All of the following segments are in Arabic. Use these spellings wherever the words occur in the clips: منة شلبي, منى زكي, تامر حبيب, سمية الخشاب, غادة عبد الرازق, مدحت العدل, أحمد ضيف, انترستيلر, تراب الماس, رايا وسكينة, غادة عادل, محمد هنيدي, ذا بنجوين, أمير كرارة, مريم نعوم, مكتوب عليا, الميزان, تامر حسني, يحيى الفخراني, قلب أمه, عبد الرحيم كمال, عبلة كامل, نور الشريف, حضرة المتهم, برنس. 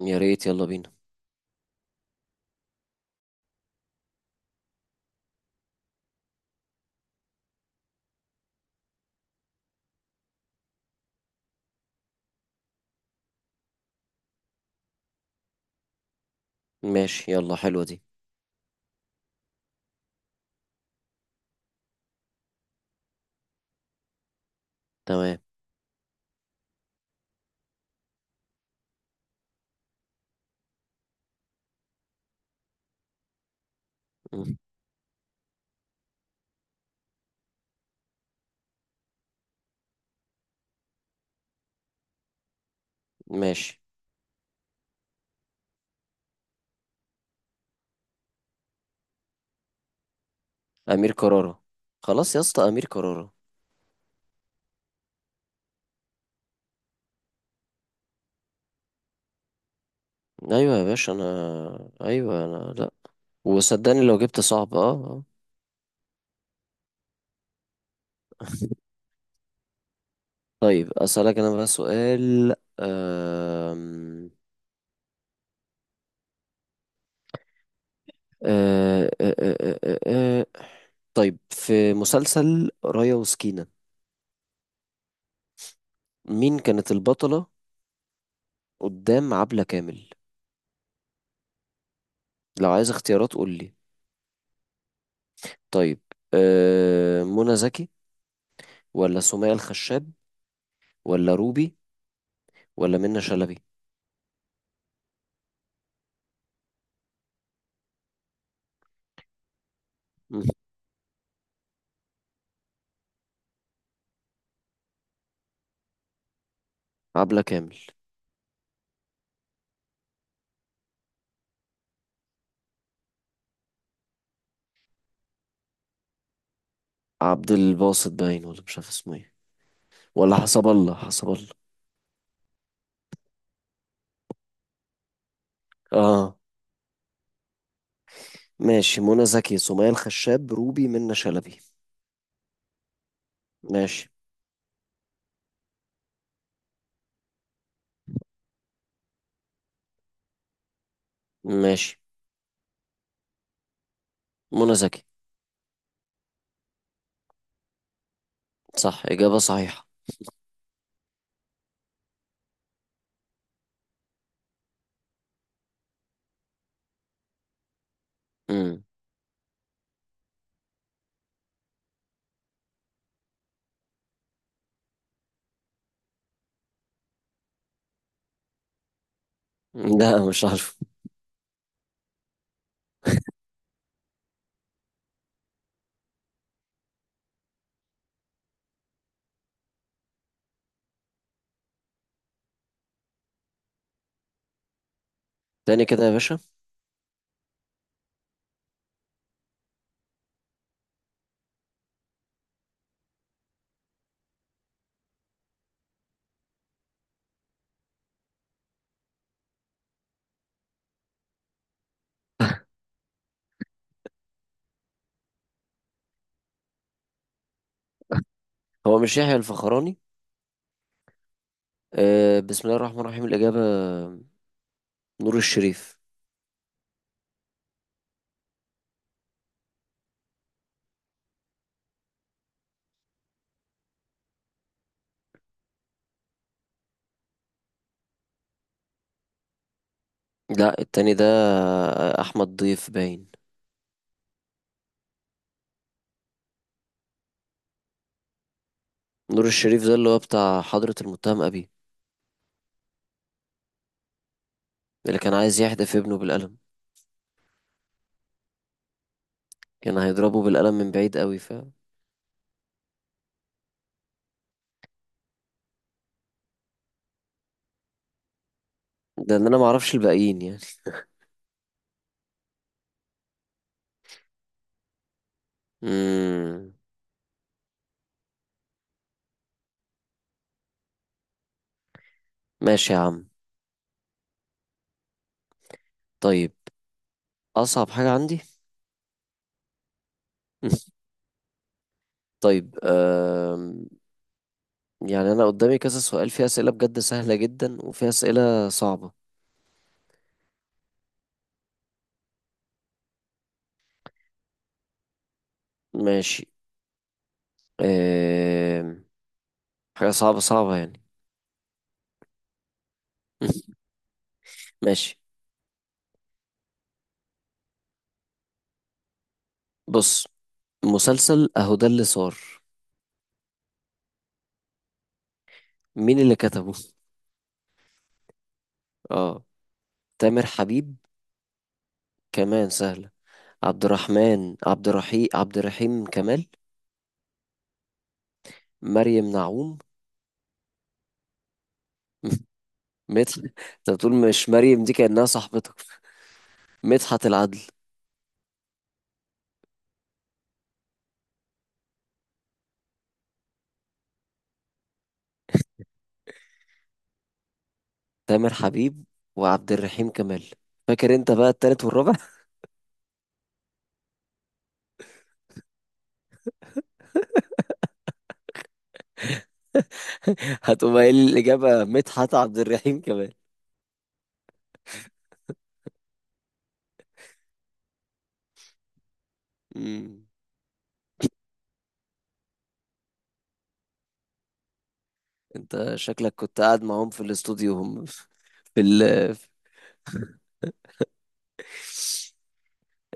يا ريت، يلا بينا. ماشي، يلا حلوة دي. تمام. مم. ماشي. أمير كرارة. خلاص يا اسطى، أمير كرارة. أيوة يا باشا. أنا أيوة. أنا لأ. وصدقني لو جبت صعب آه. طيب، أسألك أنا بقى سؤال. أم... أه... أه... أه... أه... أه... آه. طيب، في مسلسل رايا وسكينة، مين كانت البطلة قدام عبلة كامل؟ لو عايز اختيارات قول لي. طيب، منى زكي، ولا سمية الخشاب، ولا روبي، ولا منة شلبي؟ مم. عبلة كامل. عبد الباسط باين، ولا مش عارف اسمه ايه؟ ولا حسب الله، حسب الله. اه ماشي، منى زكي، سمية الخشاب، روبي، منة شلبي. ماشي. ماشي، منى زكي. صح، إجابة صحيحة. امم. لا مش عارف. تاني كده يا باشا. هو مش يحيى الفخراني؟ آه، بسم الله الرحمن الرحيم، الإجابة نور الشريف. لا، التاني ده أحمد ضيف باين. نور الشريف ده اللي هو بتاع حضرة المتهم أبي، اللي كان عايز يحدف ابنه بالقلم. كان هيضربه بالقلم من بعيد قوي، ف ده ان انا معرفش الباقيين يعني. امم. ماشي يا عم. طيب، اصعب حاجة عندي. طيب. يعني انا قدامي كذا سؤال، فيه اسئلة بجد سهلة جدا وفيه اسئلة صعبة. ماشي. أم... حاجة صعبة، صعبة يعني. ماشي. بص، مسلسل اهو ده اللي صار، مين اللي كتبه؟ اه، تامر حبيب. كمان سهلة. عبد الرحمن، عبد الرحيم، عبد الرحيم كمال. مريم نعوم. مدح. انت بتقول مش مريم، دي كأنها صاحبتك. مدحت العدل. تامر حبيب وعبد الرحيم كمال. فاكر انت بقى التالت والرابع؟ هتقوم قايل لي الإجابة مدحت عبد الرحيم كمال. مم. انت شكلك كنت قاعد معاهم في الاستوديو، هم في ال...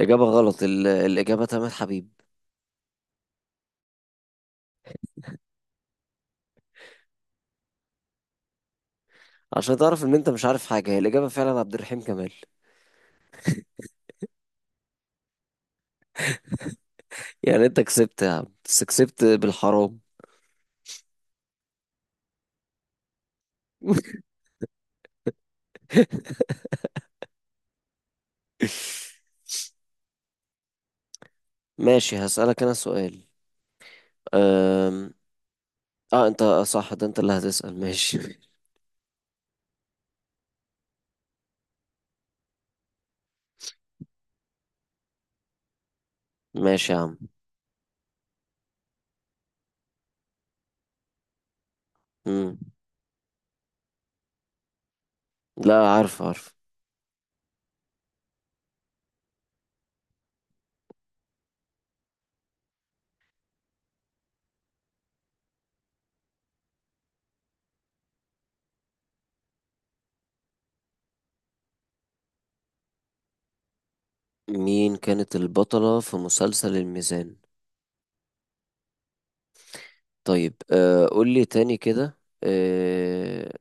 إجابة غلط. الإجابة تامر حبيب. عشان تعرف إن أنت مش عارف حاجة، هي الإجابة فعلا عبد الرحيم كمال. يعني أنت كسبت يا عم، بس كسبت بالحرام. ماشي، هسألك أنا سؤال. أم... اه انت صح، ده انت اللي هتسأل. ماشي. ماشي يا عم. مم. لا عارف، عارف. مين كانت البطلة في مسلسل الميزان؟ طيب آه، قول لي تاني كده. آه،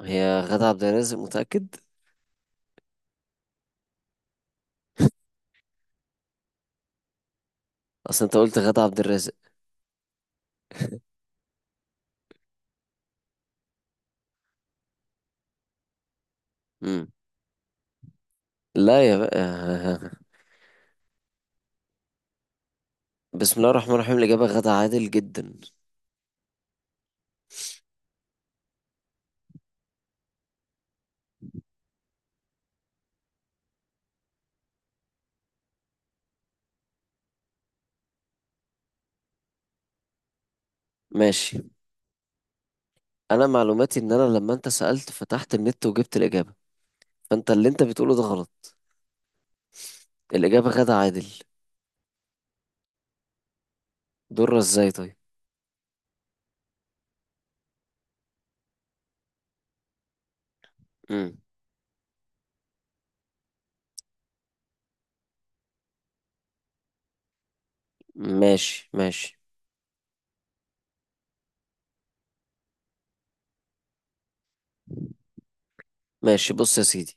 هي غادة عبد الرازق، متأكد؟ اصل انت قلت غادة عبد الرازق. مم. لا يا بقى. بسم الله الرحمن الرحيم، الإجابة غادة عادل جدا. ماشي. انا معلوماتي ان انا لما انت سألت فتحت النت وجبت الإجابة، فانت اللي انت بتقوله ده غلط. الإجابة غادة عادل. ضرة ازاي طيب؟ مم. ماشي، ماشي. ماشي، بص يا سيدي.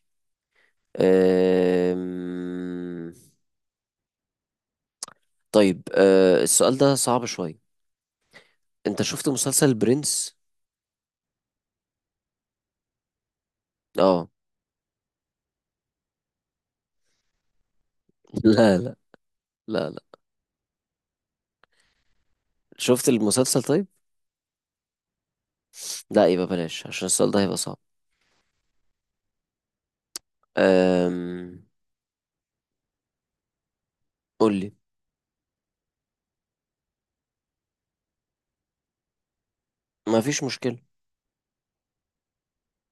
أم... طيب، أه السؤال ده صعب شوية. انت شفت مسلسل برنس؟ اه. لا لا. لا لا. شفت المسلسل طيب؟ لا، يبقى بلاش عشان السؤال ده هيبقى صعب. أم... قول لي. ما فيش مشكلة.